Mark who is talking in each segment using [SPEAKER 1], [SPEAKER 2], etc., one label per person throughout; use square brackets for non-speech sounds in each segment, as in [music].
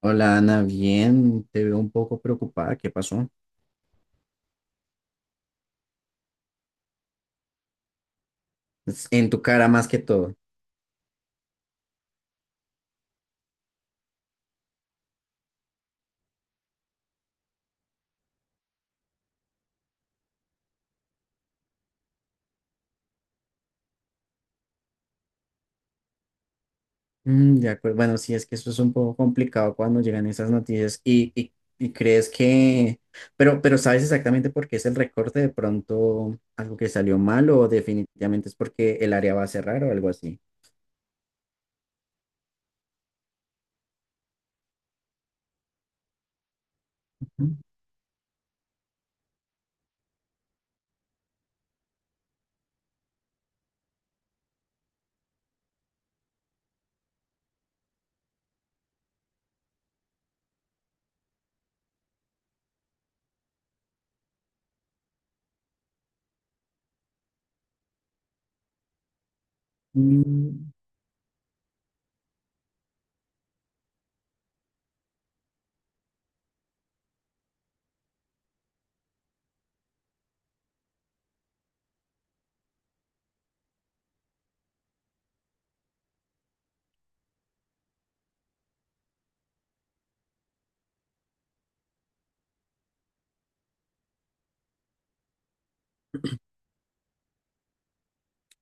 [SPEAKER 1] Hola Ana, bien, te veo un poco preocupada, ¿qué pasó? Es en tu cara más que todo. Mm, de acuerdo, bueno, sí, es que eso es un poco complicado cuando llegan esas noticias y crees que, pero ¿sabes exactamente por qué es el recorte? ¿De pronto algo que salió mal o definitivamente es porque el área va a cerrar o algo así? Mm,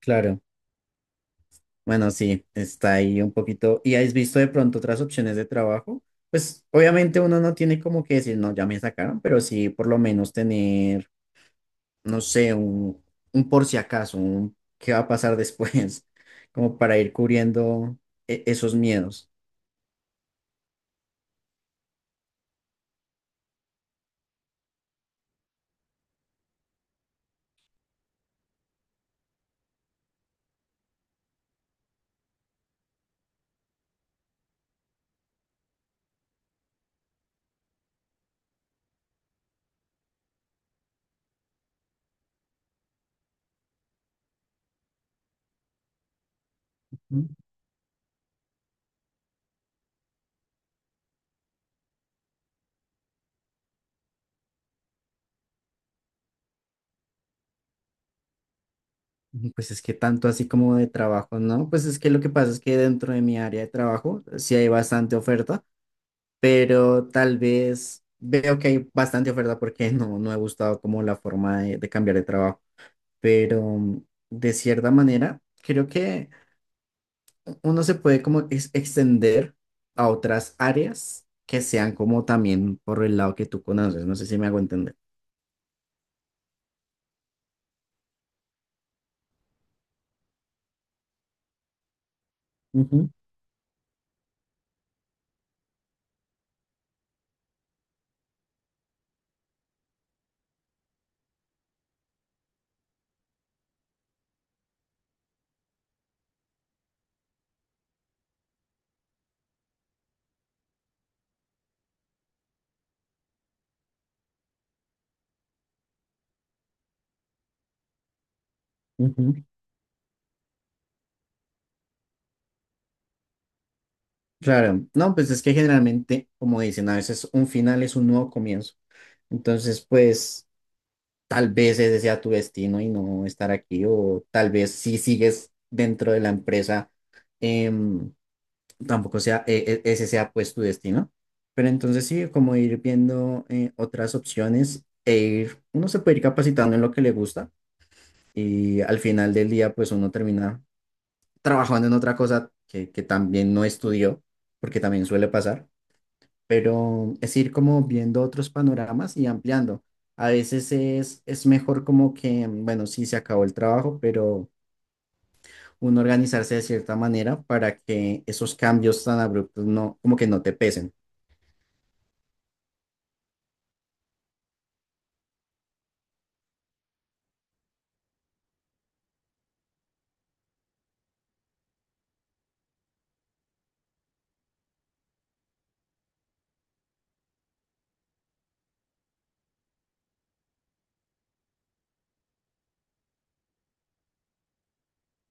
[SPEAKER 1] claro, bueno, sí, está ahí un poquito. ¿Y has visto de pronto otras opciones de trabajo? Pues obviamente uno no tiene como que decir, no, ya me sacaron, pero sí por lo menos tener no sé, un por si acaso, un qué va a pasar después, [laughs] como para ir cubriendo esos miedos. Mm, pues es que tanto así como de trabajo, ¿no? Pues es que lo que pasa es que dentro de mi área de trabajo sí hay bastante oferta, pero tal vez veo que hay bastante oferta porque [laughs] no, no he gustado como la forma de cambiar de trabajo, pero de cierta manera creo que uno se puede como extender a otras áreas que sean como también por el lado que tú conoces. No sé si me hago entender. Ujú, ujú. Claro, no, pues es que generalmente, como dicen, a veces un final es un nuevo comienzo. Entonces, pues tal vez ese sea tu destino y no estar aquí, o tal vez si sigues dentro de la empresa. em, Tampoco sea ese sea pues tu destino. Pero entonces sí, como ir viendo otras opciones e ir, uno se puede ir capacitando en lo que le gusta y al final del día pues uno termina trabajando en otra cosa que también no estudió, porque también suele pasar, pero es ir como viendo otros panoramas y ampliando. A veces es mejor como que, bueno, sí se acabó el trabajo, pero uno organizarse de cierta manera para que esos cambios tan abruptos no, como que no te pesen.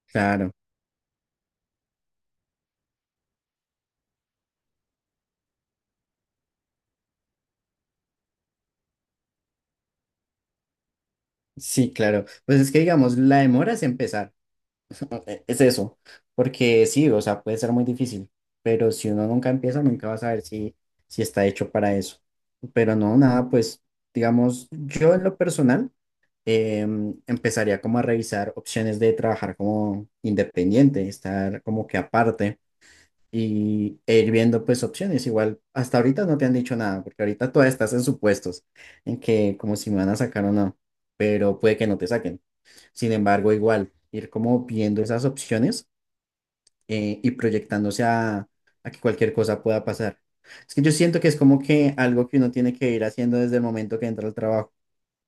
[SPEAKER 1] Claro, sí, claro. Pues es que digamos, la demora es empezar, [laughs] es eso, porque sí, o sea, puede ser muy difícil, pero si uno nunca empieza, nunca va a saber si, si está hecho para eso. Pero no, nada, pues digamos, yo en lo personal empezaría como a revisar opciones de trabajar como independiente, estar como que aparte. Y, e ir viendo pues opciones. Igual hasta ahorita no te han dicho nada, porque ahorita todavía estás en supuestos, en que como si me van a sacar o no, pero puede que no te saquen. Sin embargo, igual ir como viendo esas opciones y proyectándose a que cualquier cosa pueda pasar. Es que yo siento que es como que algo que uno tiene que ir haciendo desde el momento que entra al trabajo,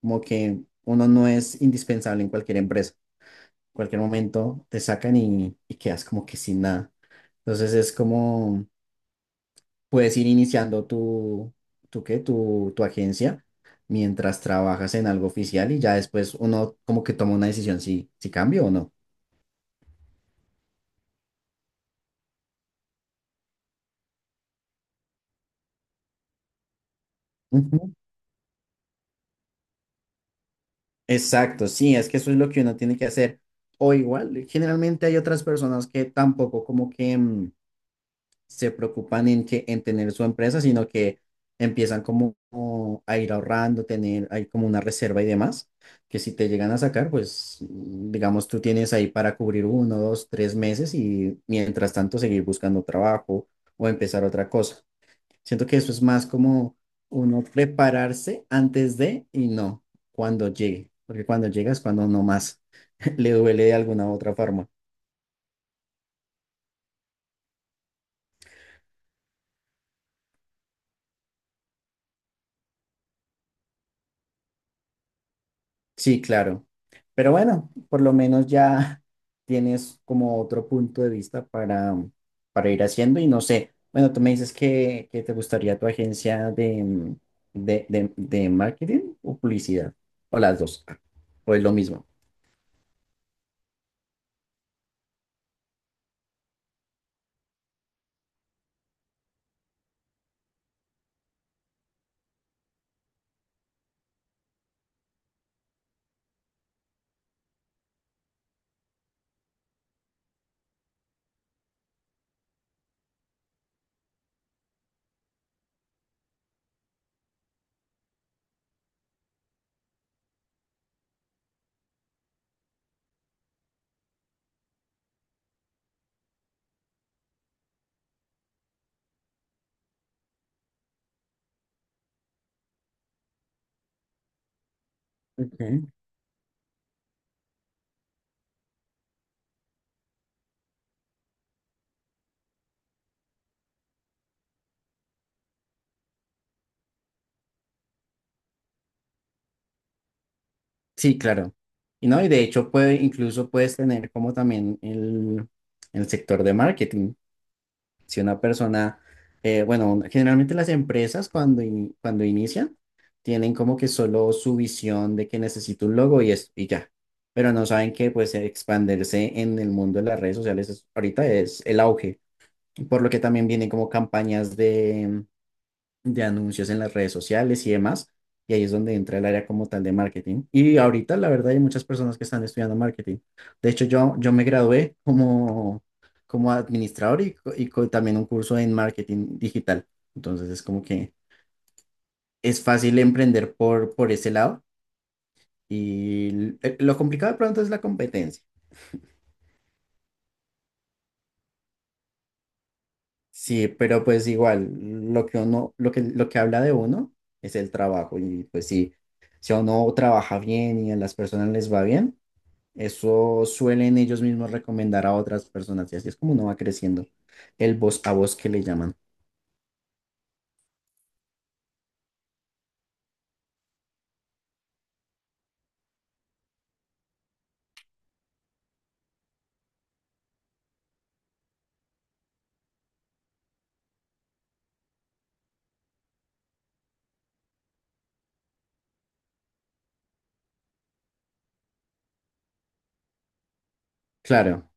[SPEAKER 1] como que uno no es indispensable en cualquier empresa. En cualquier momento te sacan y quedas como que sin nada. Entonces es como puedes ir iniciando tu, tu, ¿qué? Tu agencia mientras trabajas en algo oficial y ya después uno como que toma una decisión si, si cambio o no. Ujú. Exacto, sí, es que eso es lo que uno tiene que hacer. O igual, generalmente hay otras personas que tampoco como que se preocupan en que en tener su empresa, sino que empiezan como, como a ir ahorrando, tener ahí como una reserva y demás, que si te llegan a sacar, pues digamos tú tienes ahí para cubrir uno, dos, tres meses y mientras tanto seguir buscando trabajo o empezar otra cosa. Siento que eso es más como uno prepararse antes de y no cuando llegue, porque cuando llegas cuando no más [laughs] le duele de alguna u otra forma. Sí, claro. Pero bueno, por lo menos ya [laughs] tienes como otro punto de vista para ir haciendo y no sé, bueno, tú me dices que te gustaría tu agencia de, de, de marketing o publicidad, o las dos, o es lo mismo. Ujú. Sí, claro. Y no, y de hecho puede, incluso puedes tener como también el sector de marketing. Si una persona, bueno, generalmente las empresas cuando, cuando inician tienen como que solo su visión de que necesito un logo y, es, y ya, pero no saben que pues expandirse en el mundo de las redes sociales ahorita es el auge, por lo que también vienen como campañas de anuncios en las redes sociales y demás. Y ahí es donde entra el área como tal de marketing. Y ahorita, la verdad, hay muchas personas que están estudiando marketing. De hecho, yo me gradué como, como administrador y, también un curso en marketing digital. Entonces, es como que es fácil emprender por ese lado. Y lo complicado de pronto es la competencia. Sí, pero pues igual, lo que uno, lo que habla de uno es el trabajo. Y pues sí, si uno trabaja bien y a las personas les va bien, eso suelen ellos mismos recomendar a otras personas y así es como uno va creciendo el voz a voz que le llaman. Claro,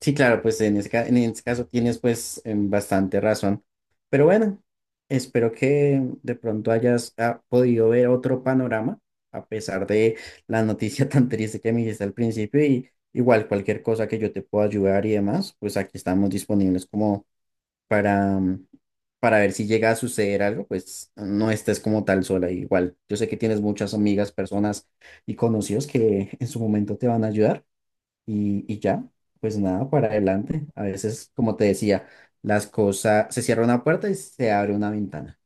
[SPEAKER 1] sí, claro, pues en ese, en ese caso tienes pues bastante razón. Pero bueno, espero que de pronto hayas podido ver otro panorama a pesar de la noticia [laughs] tan triste que me dijiste al principio y igual cualquier cosa que yo te pueda ayudar y demás, pues aquí estamos disponibles como para, para ver si llega a suceder algo, pues no estés como tal sola. Igual, yo sé que tienes muchas amigas, personas y conocidos que en su momento te van a ayudar y ya, pues nada, para adelante. A veces, como te decía, las cosas, se cierra una puerta y se abre una ventana.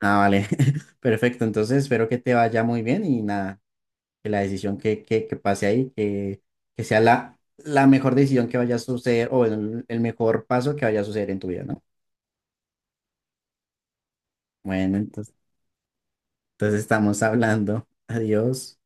[SPEAKER 1] Ah, vale, [laughs] perfecto. Entonces espero que te vaya muy bien y nada, que la decisión que pase ahí, que sea la, la mejor decisión que vaya a suceder o el mejor paso que vaya a suceder en tu vida, ¿no? Bueno, entonces. Entonces estamos hablando. Adiós.